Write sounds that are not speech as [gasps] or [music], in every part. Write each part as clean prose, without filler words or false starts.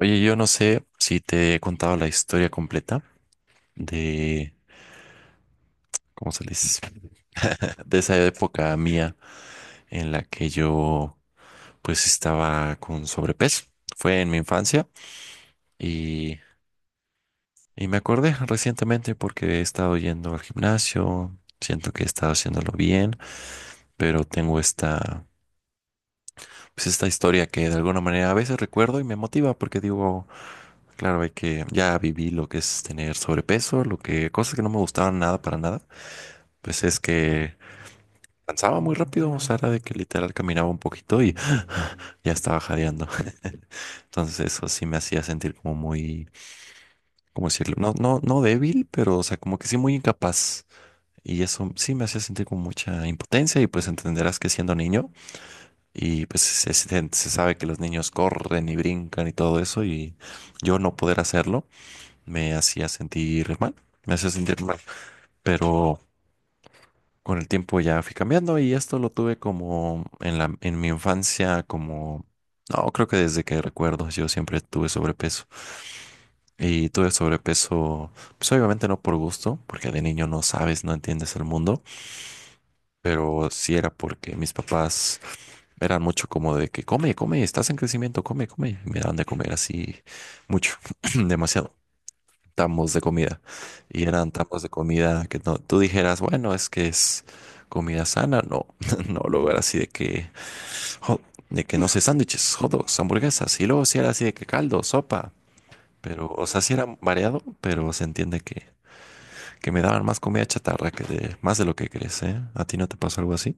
Oye, yo no sé si te he contado la historia completa de, ¿cómo se les? [laughs] De esa época mía en la que yo pues estaba con sobrepeso. Fue en mi infancia y, y me acordé recientemente porque he estado yendo al gimnasio, siento que he estado haciéndolo bien, pero tengo esta, pues esta historia que de alguna manera a veces recuerdo y me motiva porque digo... Claro, hay que ya viví lo que es tener sobrepeso, lo que cosas que no me gustaban nada para nada, pues es que cansaba muy rápido, o sea, era de que literal caminaba un poquito y [gasps] [sighs] ya estaba jadeando. [laughs] Entonces eso sí me hacía sentir como muy, ¿cómo decirlo? No, no, no débil, pero o sea, como que sí muy incapaz. Y eso sí me hacía sentir con mucha impotencia y pues entenderás que siendo niño y pues se sabe que los niños corren y brincan y todo eso y yo no poder hacerlo me hacía sentir mal, me hacía sentir mal, pero con el tiempo ya fui cambiando y esto lo tuve como en la, en mi infancia, como, no, creo que desde que recuerdo yo siempre tuve sobrepeso y tuve sobrepeso, pues obviamente no por gusto, porque de niño no sabes, no entiendes el mundo, pero sí era porque mis papás eran mucho como de que come, come, estás en crecimiento, come, come, y me daban de comer así mucho, [clears throat] demasiado. Tambos de comida. Y eran tambos de comida que no, tú dijeras, bueno, es que es comida sana. No, [laughs] no, luego era así de que, jo- de que no sé, sándwiches, hot dogs, hamburguesas. Y luego sí era así de que caldo, sopa. Pero, o sea, sí era variado, pero se entiende que me daban más comida chatarra que de más de lo que crees, ¿eh? ¿A ti no te pasó algo así?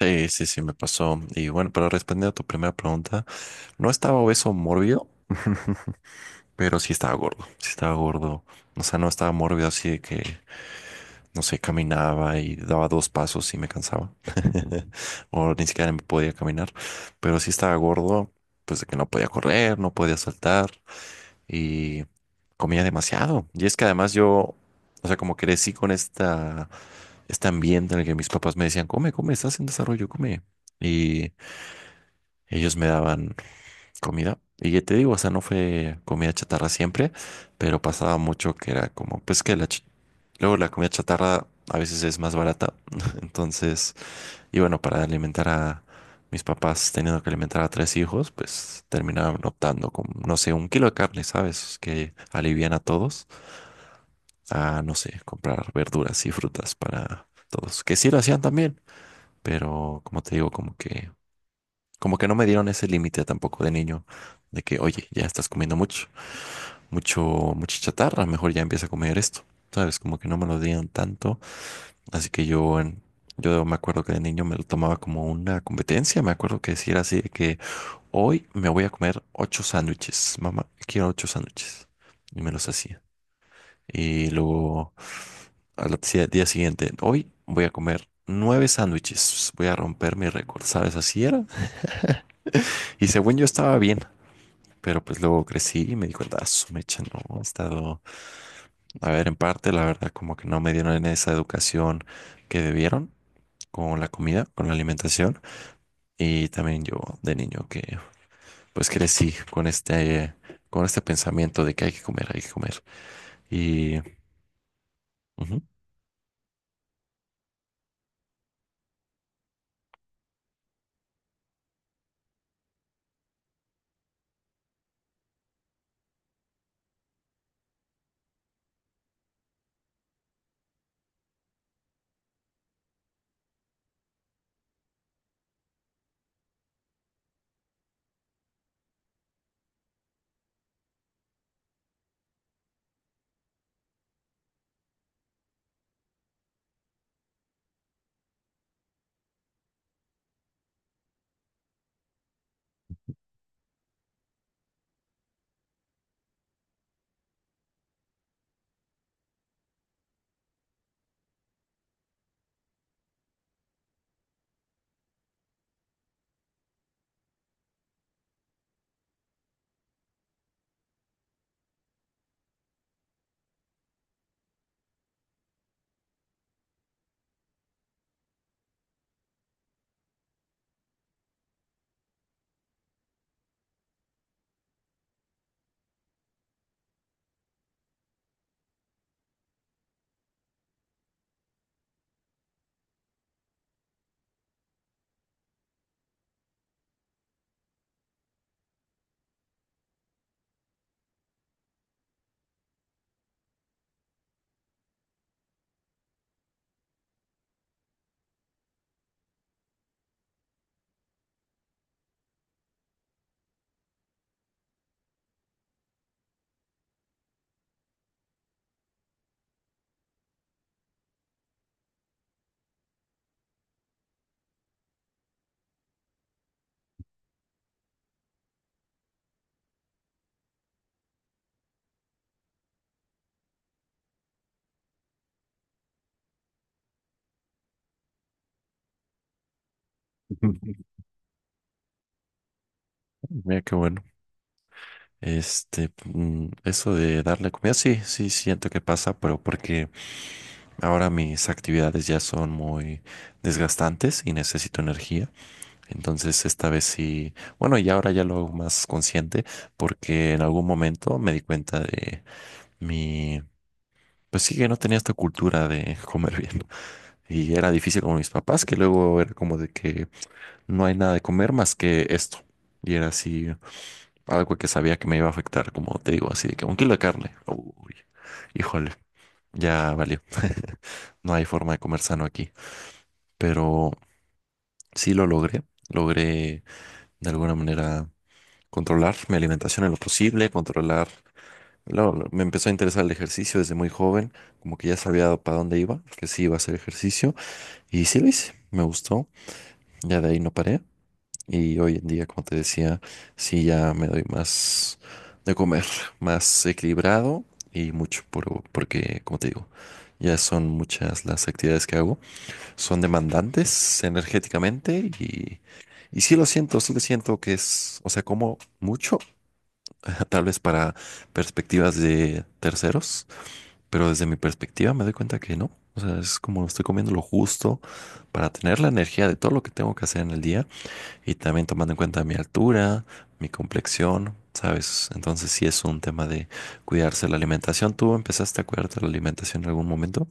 Sí, sí, sí, me pasó. Y bueno, pero respondiendo a tu primera pregunta, no estaba obeso mórbido, pero sí estaba gordo. Sí estaba gordo. O sea, no estaba mórbido así de que no sé, caminaba y daba dos pasos y me cansaba. [laughs] O ni siquiera me podía caminar. Pero sí estaba gordo, pues de que no podía correr, no podía saltar y comía demasiado. Y es que además yo, o sea, como crecí con esta, este ambiente en el que mis papás me decían, come, come, estás en desarrollo, come. Y ellos me daban comida. Y ya te digo, o sea, no fue comida chatarra siempre, pero pasaba mucho que era como, pues que la, luego la comida chatarra a veces es más barata. [laughs] Entonces, y bueno, para alimentar a mis papás teniendo que alimentar a tres hijos, pues terminaron optando con, no sé, un kilo de carne, ¿sabes? Que alivian a todos a, no sé, comprar verduras y frutas para todos. Que sí lo hacían también, pero como te digo, como que no me dieron ese límite tampoco de niño de que, oye, ya estás comiendo mucho, mucho, mucha chatarra, mejor ya empieza a comer esto. ¿Sabes? Como que no me lo dieron tanto. Así que yo, yo me acuerdo que de niño me lo tomaba como una competencia. Me acuerdo que decir así de que hoy me voy a comer ocho sándwiches. Mamá, quiero ocho sándwiches. Y me los hacía. Y luego al día siguiente, hoy voy a comer nueve sándwiches. Voy a romper mi récord, ¿sabes? Así era. [laughs] Y según yo estaba bien. Pero pues luego crecí y me di cuenta, "Ah, su mecha, no, he estado, a ver, en parte, la verdad, como que no me dieron esa educación que debieron con la comida, con la alimentación. Y también yo de niño que pues crecí con este pensamiento de que hay que comer, hay que comer. Y ujú, [laughs] mira qué bueno. Este, eso de darle comida, sí, sí, siento que pasa, pero porque ahora mis actividades ya son muy desgastantes y necesito energía. Entonces, esta vez sí, bueno, y ahora ya lo hago más consciente porque en algún momento me di cuenta de mi pues sí que no tenía esta cultura de [laughs] comer bien. Y era difícil con mis papás, que luego era como de que no hay nada de comer más que esto. Y era así, algo que sabía que me iba a afectar, como te digo, así de que un kilo de carne. Uy, híjole, ya valió. No hay forma de comer sano aquí. Pero sí lo logré. Logré de alguna manera controlar mi alimentación en lo posible, controlar. Me empezó a interesar el ejercicio desde muy joven, como que ya sabía para dónde iba, que sí iba a hacer ejercicio. Y sí lo hice, me gustó, ya de ahí no paré. Y hoy en día, como te decía, sí ya me doy más de comer, [laughs] más equilibrado y mucho, porque, como te digo, ya son muchas las actividades que hago, son demandantes energéticamente y sí lo siento que es, o sea, como mucho, [laughs] tal vez para perspectivas de terceros pero desde mi perspectiva me doy cuenta que no. O sea, es como estoy comiendo lo justo para tener la energía de todo lo que tengo que hacer en el día y también tomando en cuenta mi altura, mi complexión, ¿sabes? Entonces sí es un tema de cuidarse la alimentación. ¿Tú empezaste a cuidarte la alimentación en algún momento?